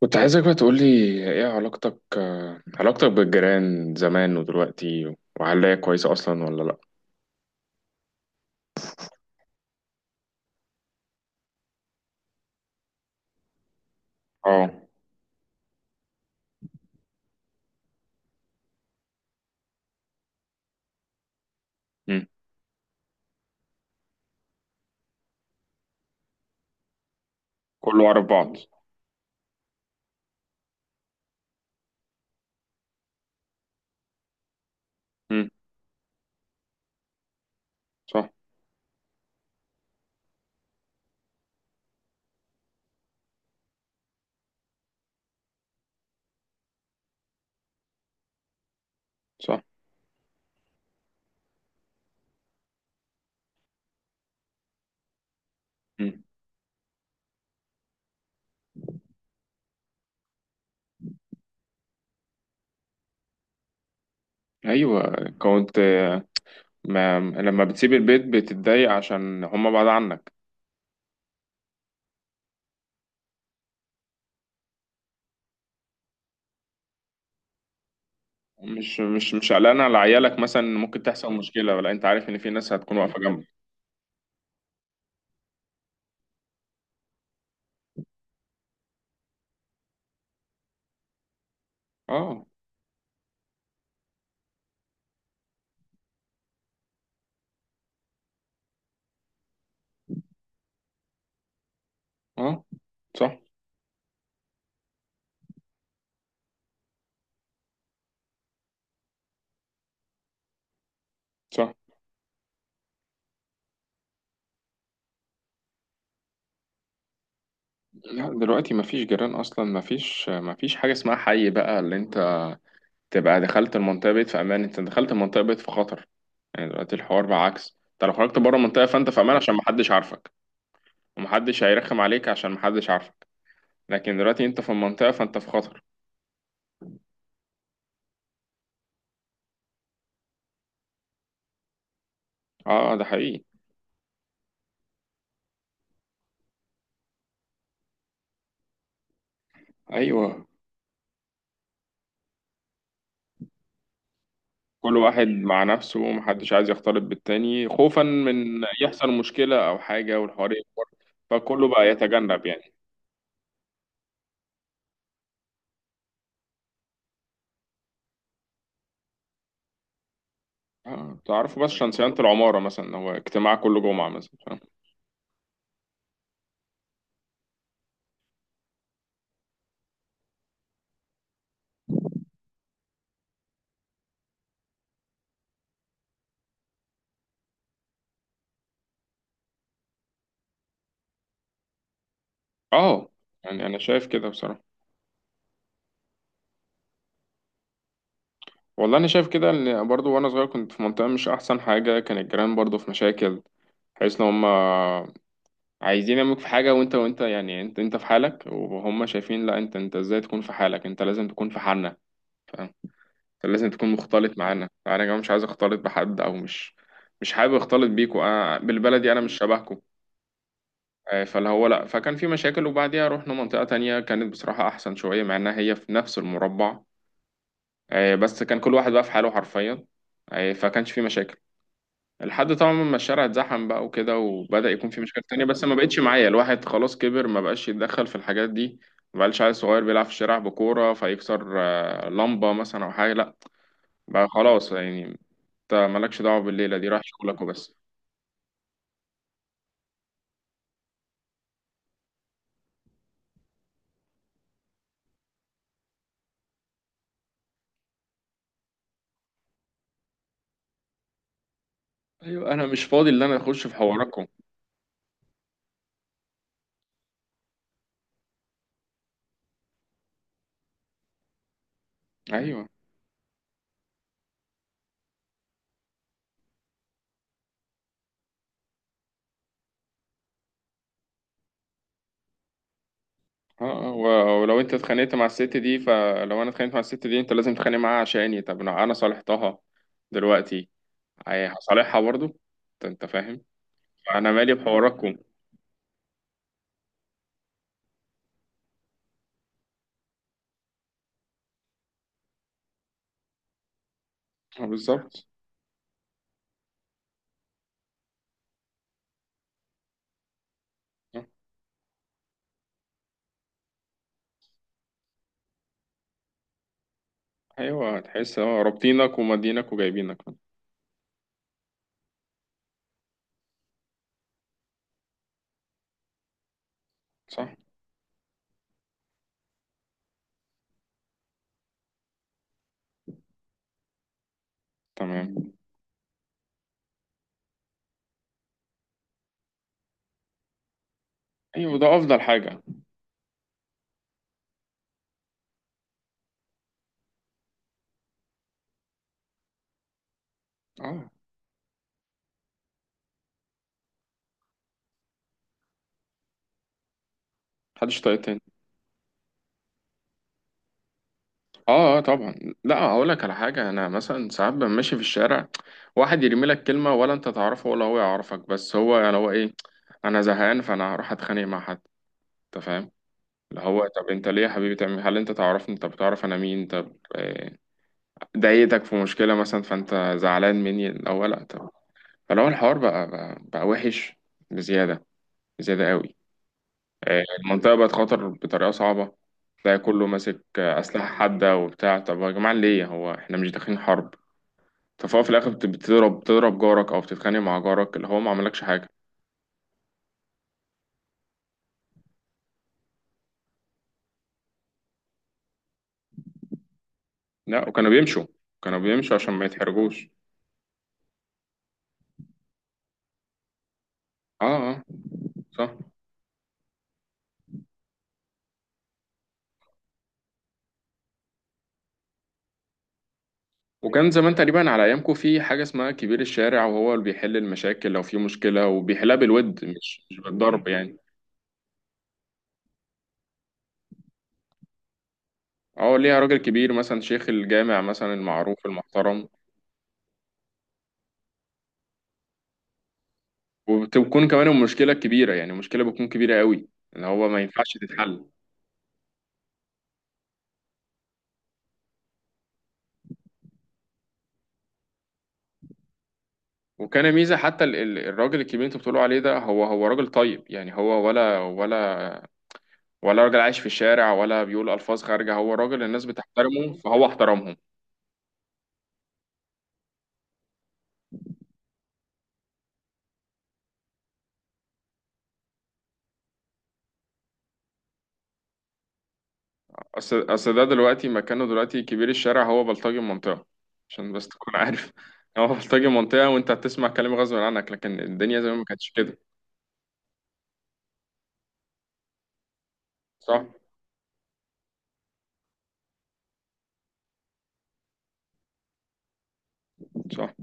كنت عايزك بقى تقولي، ايه علاقتك بالجيران زمان ودلوقتي، وهل هي كويسة أصلا ولا لأ؟ اه. مم. كله عارف بعض. مم. صح، صح. مم. أيوة كنت. ما لما بتسيب البيت بتتضايق عشان هما بعاد عنك. مش قلقان على عيالك مثلا، إن ممكن تحصل مشكلة؟ ولا أنت عارف إن في ناس هتكون واقفة جنبك؟ اه، اه. صح، صح. لا، دلوقتي مفيش جيران أصلا، مفيش حاجة اسمها حي بقى. اللي أنت تبقى دخلت المنطقة بقيت في أمان، أنت دخلت المنطقة بقيت في خطر. يعني دلوقتي الحوار بقى عكس، أنت لو خرجت بره المنطقة فأنت في أمان عشان محدش عارفك، ومحدش هيرخم عليك عشان محدش عارفك. لكن دلوقتي أنت في المنطقة فأنت في خطر. أه، ده حقيقي. أيوه. كل واحد مع نفسه، ومحدش عايز يختلط بالتاني خوفا من يحصل مشكلة أو حاجة والحوار يكبر. فكله بقى يتجنب يعني. اه، تعرفوا بس عشان صيانة العمارة مثلا، هو اجتماع كل جمعة مثلا، فاهم؟ اه. يعني أنا شايف كده بصراحة. والله انا شايف كده، ان برضو وانا صغير كنت في منطقه مش احسن حاجه، كان الجيران برضو في مشاكل، حيث ان هم عايزين يعملوك في حاجه، وانت يعني، انت في حالك، وهم شايفين لا، انت ازاي تكون في حالك، انت لازم تكون في حالنا. فاهم. أنت لازم تكون مختلط معانا، انا كمان مش عايز اختلط بحد، او مش حابب اختلط بيكوا، انا بالبلدي انا مش شبهكوا. فاللي هو لا، فكان في مشاكل، وبعديها رحنا منطقه تانية كانت بصراحه احسن شويه، مع انها هي في نفس المربع. بس كان كل واحد بقى في حاله حرفيا. فكانش في مشاكل، لحد طبعا ما الشارع اتزحم بقى وكده، وبدأ يكون في مشاكل تانية، بس ما بقتش معايا، الواحد خلاص كبر ما بقاش يتدخل في الحاجات دي. ما بقاش عيل صغير بيلعب في الشارع بكورة فيكسر لمبة مثلا أو حاجة، لأ. بقى خلاص يعني. أنت مالكش دعوة بالليلة دي، رايح شغلك وبس. أيوة، أنا مش فاضي إن أنا أخش في حواركم. أيوة. اه. ولو أنت اتخانقت مع الست دي، فلو أنا اتخانقت مع الست دي أنت لازم تتخانق معاها عشاني، طب أنا صالحتها دلوقتي. هصالحها برضه. أنت فاهم. أنا مالي بحواركم. بالظبط. ايوه، تحس رابطينك ومدينك وجايبينك. صح. تمام. ايوه، ده افضل حاجه. اه، محدش طايق تاني. اه، اه، طبعا. لا، هقول لك على حاجه، انا مثلا ساعات ببقى ماشي في الشارع، واحد يرمي لك كلمه ولا انت تعرفه ولا هو يعرفك، بس هو يعني هو ايه؟ انا زهقان فانا هروح اتخانق مع حد؟ انت فاهم. اللي هو طب انت ليه يا حبيبي تعمل، هل انت تعرفني؟ طب تعرف انا مين؟ طب ضايقتك في مشكله مثلا فانت زعلان مني الاول، لا طب. فلو الحوار بقى وحش، بزياده، زيادة قوي. المنطقة بقت خطر بطريقة صعبة. تلاقي كله ماسك أسلحة حادة وبتاع، طب يا جماعة ليه، هو احنا مش داخلين حرب؟ ففهو في الآخر بتضرب جارك أو بتتخانق مع جارك، اللي هو ما عملكش حاجة. لا، وكانوا بيمشوا. كانوا بيمشوا عشان ما يتحرجوش. اه، اه، صح. وكان زمان تقريبا على أيامكم في حاجة اسمها كبير الشارع، وهو اللي بيحل المشاكل لو في مشكلة، وبيحلها بالود، مش بالضرب يعني. اه، ليها راجل كبير مثلا، شيخ الجامع مثلا، المعروف المحترم. وبتكون كمان المشكلة كبيرة، يعني المشكلة بتكون كبيرة قوي، ان هو ما ينفعش تتحل. وكان ميزة حتى الراجل الكبير اللي انتوا بتقولوا عليه ده، هو راجل طيب يعني، هو ولا راجل عايش في الشارع، ولا بيقول ألفاظ خارجة، هو راجل الناس بتحترمه فهو احترمهم. اصل ده دلوقتي مكانه، دلوقتي كبير الشارع هو بلطجي المنطقة. عشان بس تكون عارف هو بلطجي المنطقة، وانت هتسمع كلام غصب عنك، لكن الدنيا زمان ما كانتش كده. صح، صح.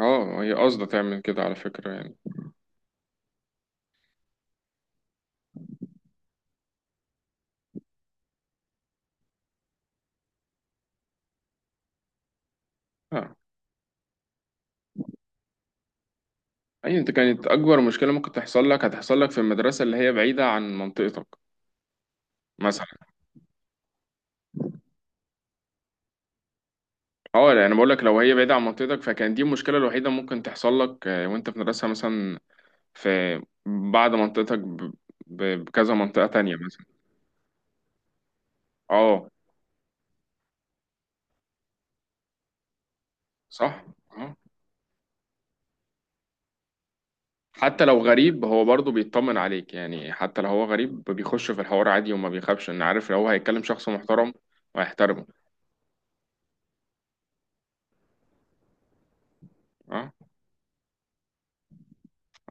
اه، هي قصده تعمل كده على فكرة يعني. آه. أي أنت، كانت أكبر مشكلة ممكن تحصل لك هتحصل لك في المدرسة، اللي هي بعيدة عن منطقتك مثلا. أه يعني أنا بقول لك، لو هي بعيدة عن منطقتك، فكان دي المشكلة الوحيدة ممكن تحصل لك. وأنت في مدرسة مثلا، في بعد منطقتك بكذا منطقة تانية مثلا. أه. صح. أه. حتى لو غريب هو برضه بيطمن عليك، يعني حتى لو هو غريب بيخش في الحوار عادي، وما بيخافش، إن عارف لو هو هيتكلم شخص محترم وهيحترمه. أه،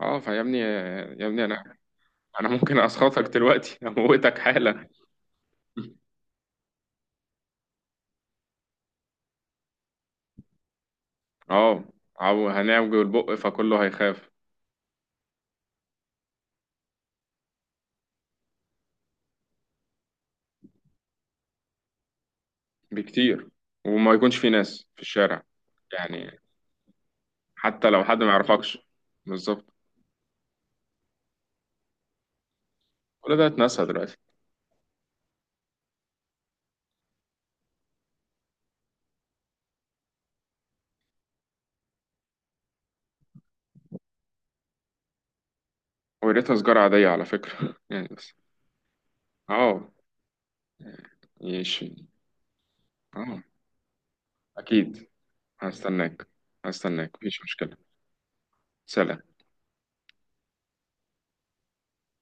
أه، فيا ابني يا ابني. أنا ممكن أسخطك دلوقتي أموتك حالا. اه. هنعوج البق فكله هيخاف. بكتير، وما يكونش في ناس في الشارع، يعني حتى لو حد ما يعرفكش. بالظبط. كل ده اتنسى دلوقتي. وريتها سجارة عادية على فكرة يعني بس. اه. ماشي. اه. اكيد. هستناك. هستناك، مفيش مشكلة. سلام.